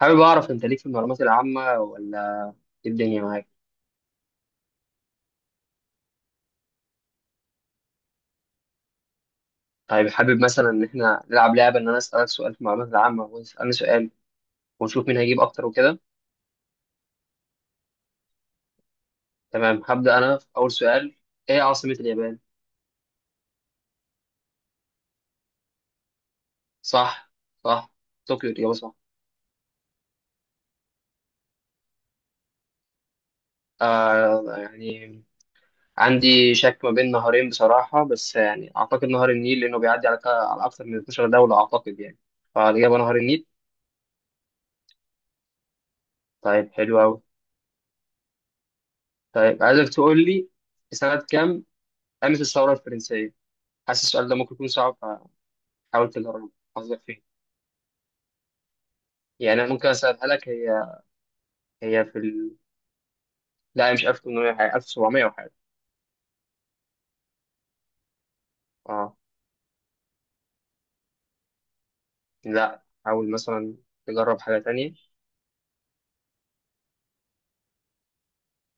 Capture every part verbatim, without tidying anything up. حابب اعرف انت ليك في المعلومات العامه ولا ايه الدنيا معاك؟ طيب حابب مثلا ان احنا نلعب لعبه ان انا اسالك سؤال في المعلومات العامه وتسالني سؤال ونشوف مين هيجيب اكتر وكده. تمام، هبدا انا في اول سؤال. ايه عاصمه اليابان؟ صح صح، طوكيو الاجابه صح. آه يعني عندي شك ما بين نهرين بصراحه، بس يعني اعتقد نهر النيل لانه بيعدي على على اكتر من اثنا عشر دوله اعتقد يعني. فالاجابه نهر النيل. طيب، حلو قوي. طيب عايزك تقول لي في سنه كام قامت الثوره الفرنسيه؟ حاسس السؤال ده ممكن يكون صعب، فحاول تدرب حظك فيه. يعني انا ممكن اسالها لك هي. هي في ال... لا، هي مش ألف وثمانمائة حاجه، ألف وسبعمائة وحاجه. اه، لا حاول مثلا تجرب حاجه تانية.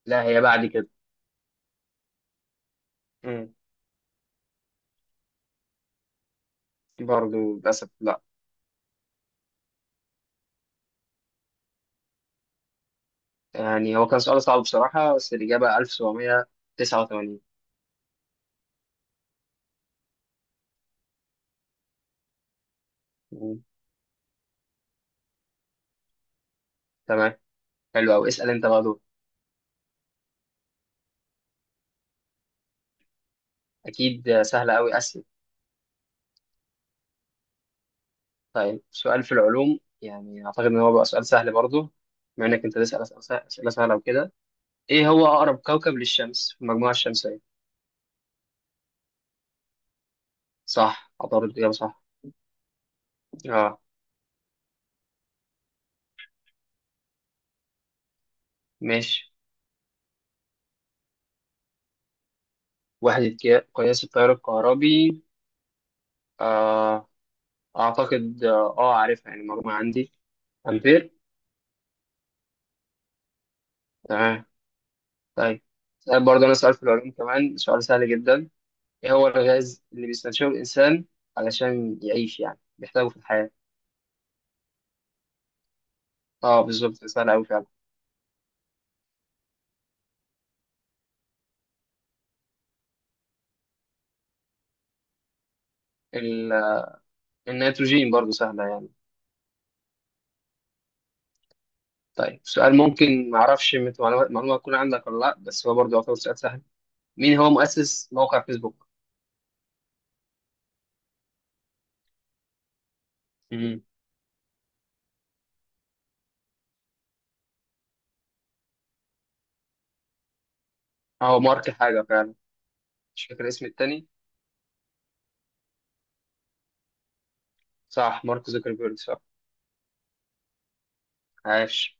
لا، هي بعد كده. امم برضه للاسف لا. يعني هو كان سؤال صعب بصراحه، بس الاجابه ألف وسبعمية تسعة وتمانين. مم. تمام، حلو قوي. اسال انت بقى دول. اكيد سهله قوي اسئله. طيب سؤال في العلوم، يعني اعتقد ان هو بقى سؤال سهل برضه. بما انك انت تسال اسئله أسئلة سهله وكده، ايه هو اقرب كوكب للشمس في المجموعه الشمسيه؟ صح، عطارد اجابه صح. اه ماشي. وحده قيا- قياس التيار الكهربي. آه اعتقد اه آه، عارفها يعني المعلومه عندي. امبير. تمام. طيب سؤال برضه، انا سؤال في العلوم كمان، سؤال سهل جدا. ايه هو الغاز اللي بيستنشقه الانسان علشان يعيش، يعني بيحتاجه في الحياه؟ اه بالظبط، سهل قوي فعلا. ال- النيتروجين، برضه سهله يعني. طيب سؤال ممكن ما اعرفش، مت- معلومه معلومة تكون عندك ولا لا، بس هو برضه يعتبر سؤال سهل. مين هو مؤسس موقع فيسبوك؟ امم. هو مارك حاجة فعلا، مش فاكر اسم التاني. صح، مارك زوكربيرج صح. عاش.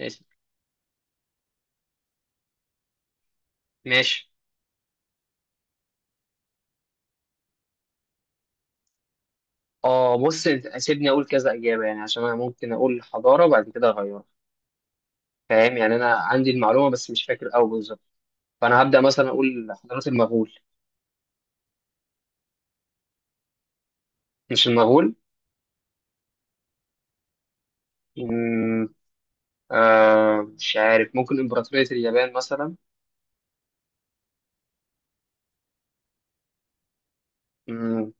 ماشي ماشي. اه، بص انت- سيبني اقول كذا اجابة يعني عشان انا ممكن اقول حضارة وبعد كده اغيرها. فاهم، يعني انا عندي المعلومة بس مش فاكر قوي بالظبط. فانا هبدأ مثلا اقول حضارة المغول. مش المغول. امم. آه مش عارف، ممكن امبراطورية اليابان مثلا. امم.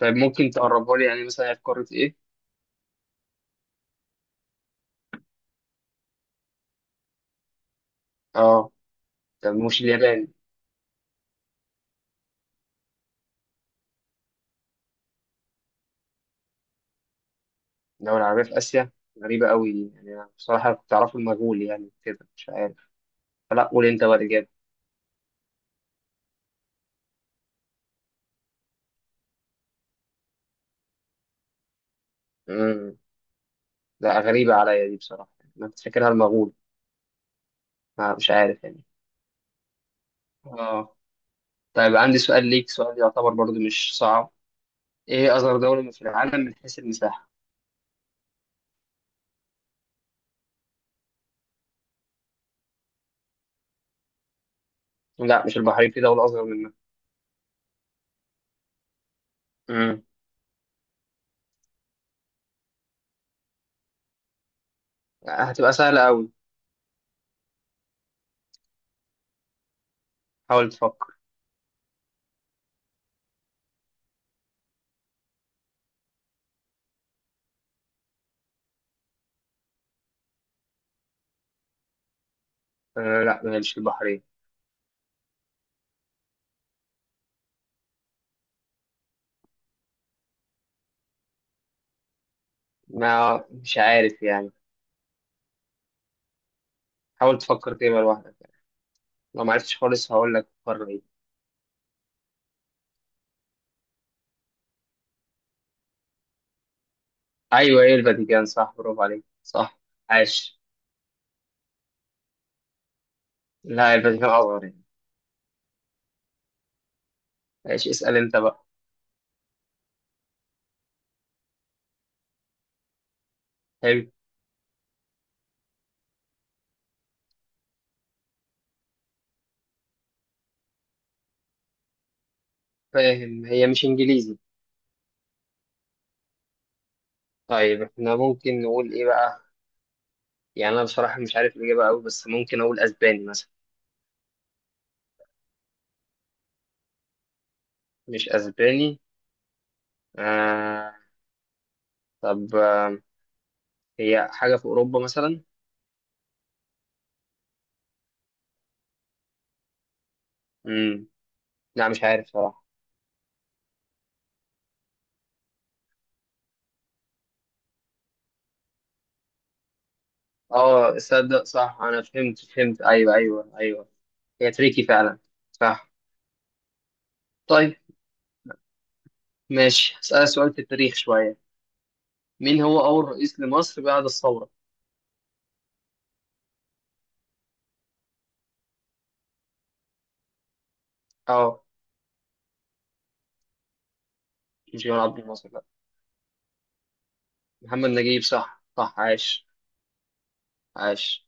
طيب ممكن تقربها لي، يعني مثلا هي في قارة ايه؟ اه. طب مش اليابان؟ دولة عربية في آسيا. غريبة قوي دي يعني، أنا بصراحة كنت أعرفه المجهول، يعني كده مش عارف. فلا، قول أنت بقى الإجابة. امم. لا، غريبة عليا دي بصراحة يعني، أنا كنت فاكرها المغول. ما مش عارف يعني. آه. طيب عندي سؤال ليك، سؤال يعتبر برضو مش صعب. إيه أصغر دولة في العالم من حيث المساحة؟ لا، مش البحرين، في دولة أصغر منها. امم. هتبقى سهلة قوي. حاول تفكر. آه لا، ما هي مش البحرين. ما مش عارف يعني. حاول تفكر كده لوحدك، لو ما عرفتش خالص هقول لك قارة إيه. ايوه ايه الفاتيكان صح، برافو عليك صح. عاش. لا، الفاتيكان اصغر يعني. عاش. اسال انت بقى. حلو. فاهم، هي مش انجليزي. طيب احنا ممكن نقول ايه بقى؟ يعني انا بصراحه مش عارف الاجابه قوي، بس ممكن اقول اسباني مثلا. مش اسباني. آه طب آه هي حاجه في اوروبا مثلا؟ امم. لا، مش عارف صراحه. اه صدق صح، انا فهمت فهمت، ايوه ايوه ايوه. هي تريكي فعلا. صح. طيب ماشي، اسالك سؤال في التاريخ شويه. مين هو أول رئيس لمصر بعد الثورة؟ أه. مش جمال عبد الناصر لأ. محمد نجيب صح صح. عاش عاش.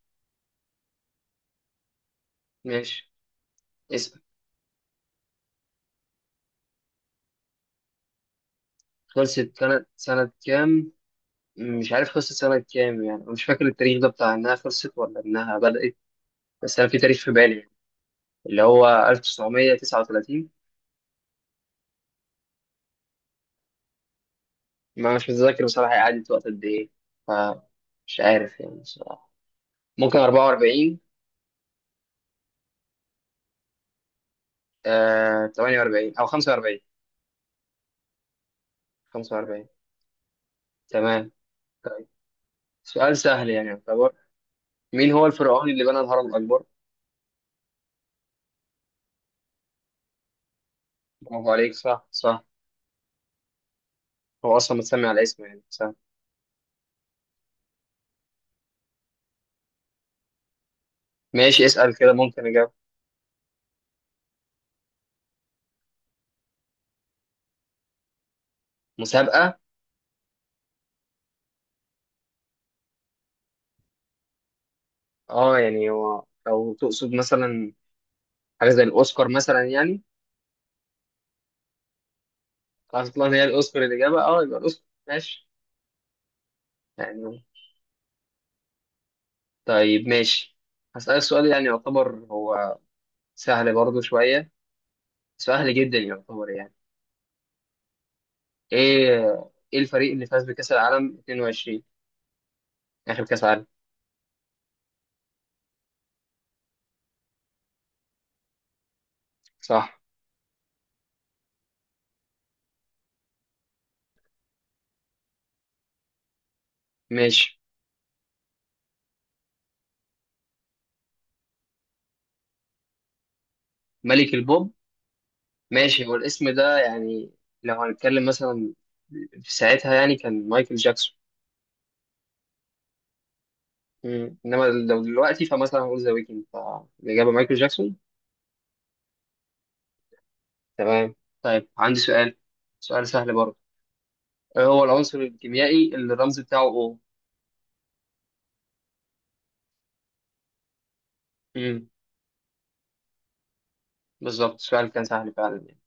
ماشي. اسأل. خلصت سنة سنة كام؟ مش عارف خلصت سنة كام، يعني مش فاكر التاريخ ده بتاع إنها خلصت ولا إنها بدأت. بس أنا في تاريخ في بالي يعني، اللي هو ألف وتسعمائة وتسعة وثلاثين. ما مش متذكر بصراحة هي قعدت وقت قد إيه، فمش عارف يعني بصراحة. ممكن أربعة وأربعين. آه ثمانية وأربعون أو خمسة وأربعين. خمسة وأربعين. تمام. طيب سؤال سهل يعني يعتبر. مين هو الفرعون اللي بنى الهرم الأكبر؟ برافو عليك صح صح. هو أصلا متسمي على اسمه يعني، صح. ماشي، اسأل كده ممكن أجاوب. مسابقة؟ أه يعني هو لو تقصد مثلا حاجة زي الأوسكار مثلا يعني. أصلا هي الأوسكار الإجابة، أه يبقى الأوسكار ماشي. يعني. طيب ماشي، هسألك سؤال يعني يعتبر هو سهل برضه شوية، سهل جدا يعتبر يعني. إيه إيه الفريق اللي فاز بكأس العالم اثنين وعشرين، آخر كأس عالم؟ صح. ماشي. ملك البوب. ماشي، هو الاسم ده يعني لو هنتكلم مثلا في ساعتها يعني كان مايكل جاكسون. مم. انما لو دلوقتي فمثلا هقول ذا ويكند، فالاجابه مايكل جاكسون. تمام. طيب عندي سؤال، سؤال سهل برضه. ايه هو العنصر الكيميائي اللي الرمز بتاعه أو؟ امم، بالظبط السؤال كان سهل فعلا يعني.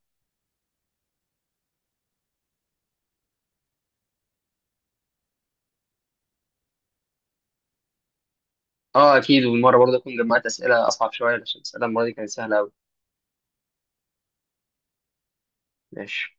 اه اكيد، والمره برضه اكون جمعت اسئله اصعب شويه، عشان الاسئله المره دي كانت سهله قوي. ماشي.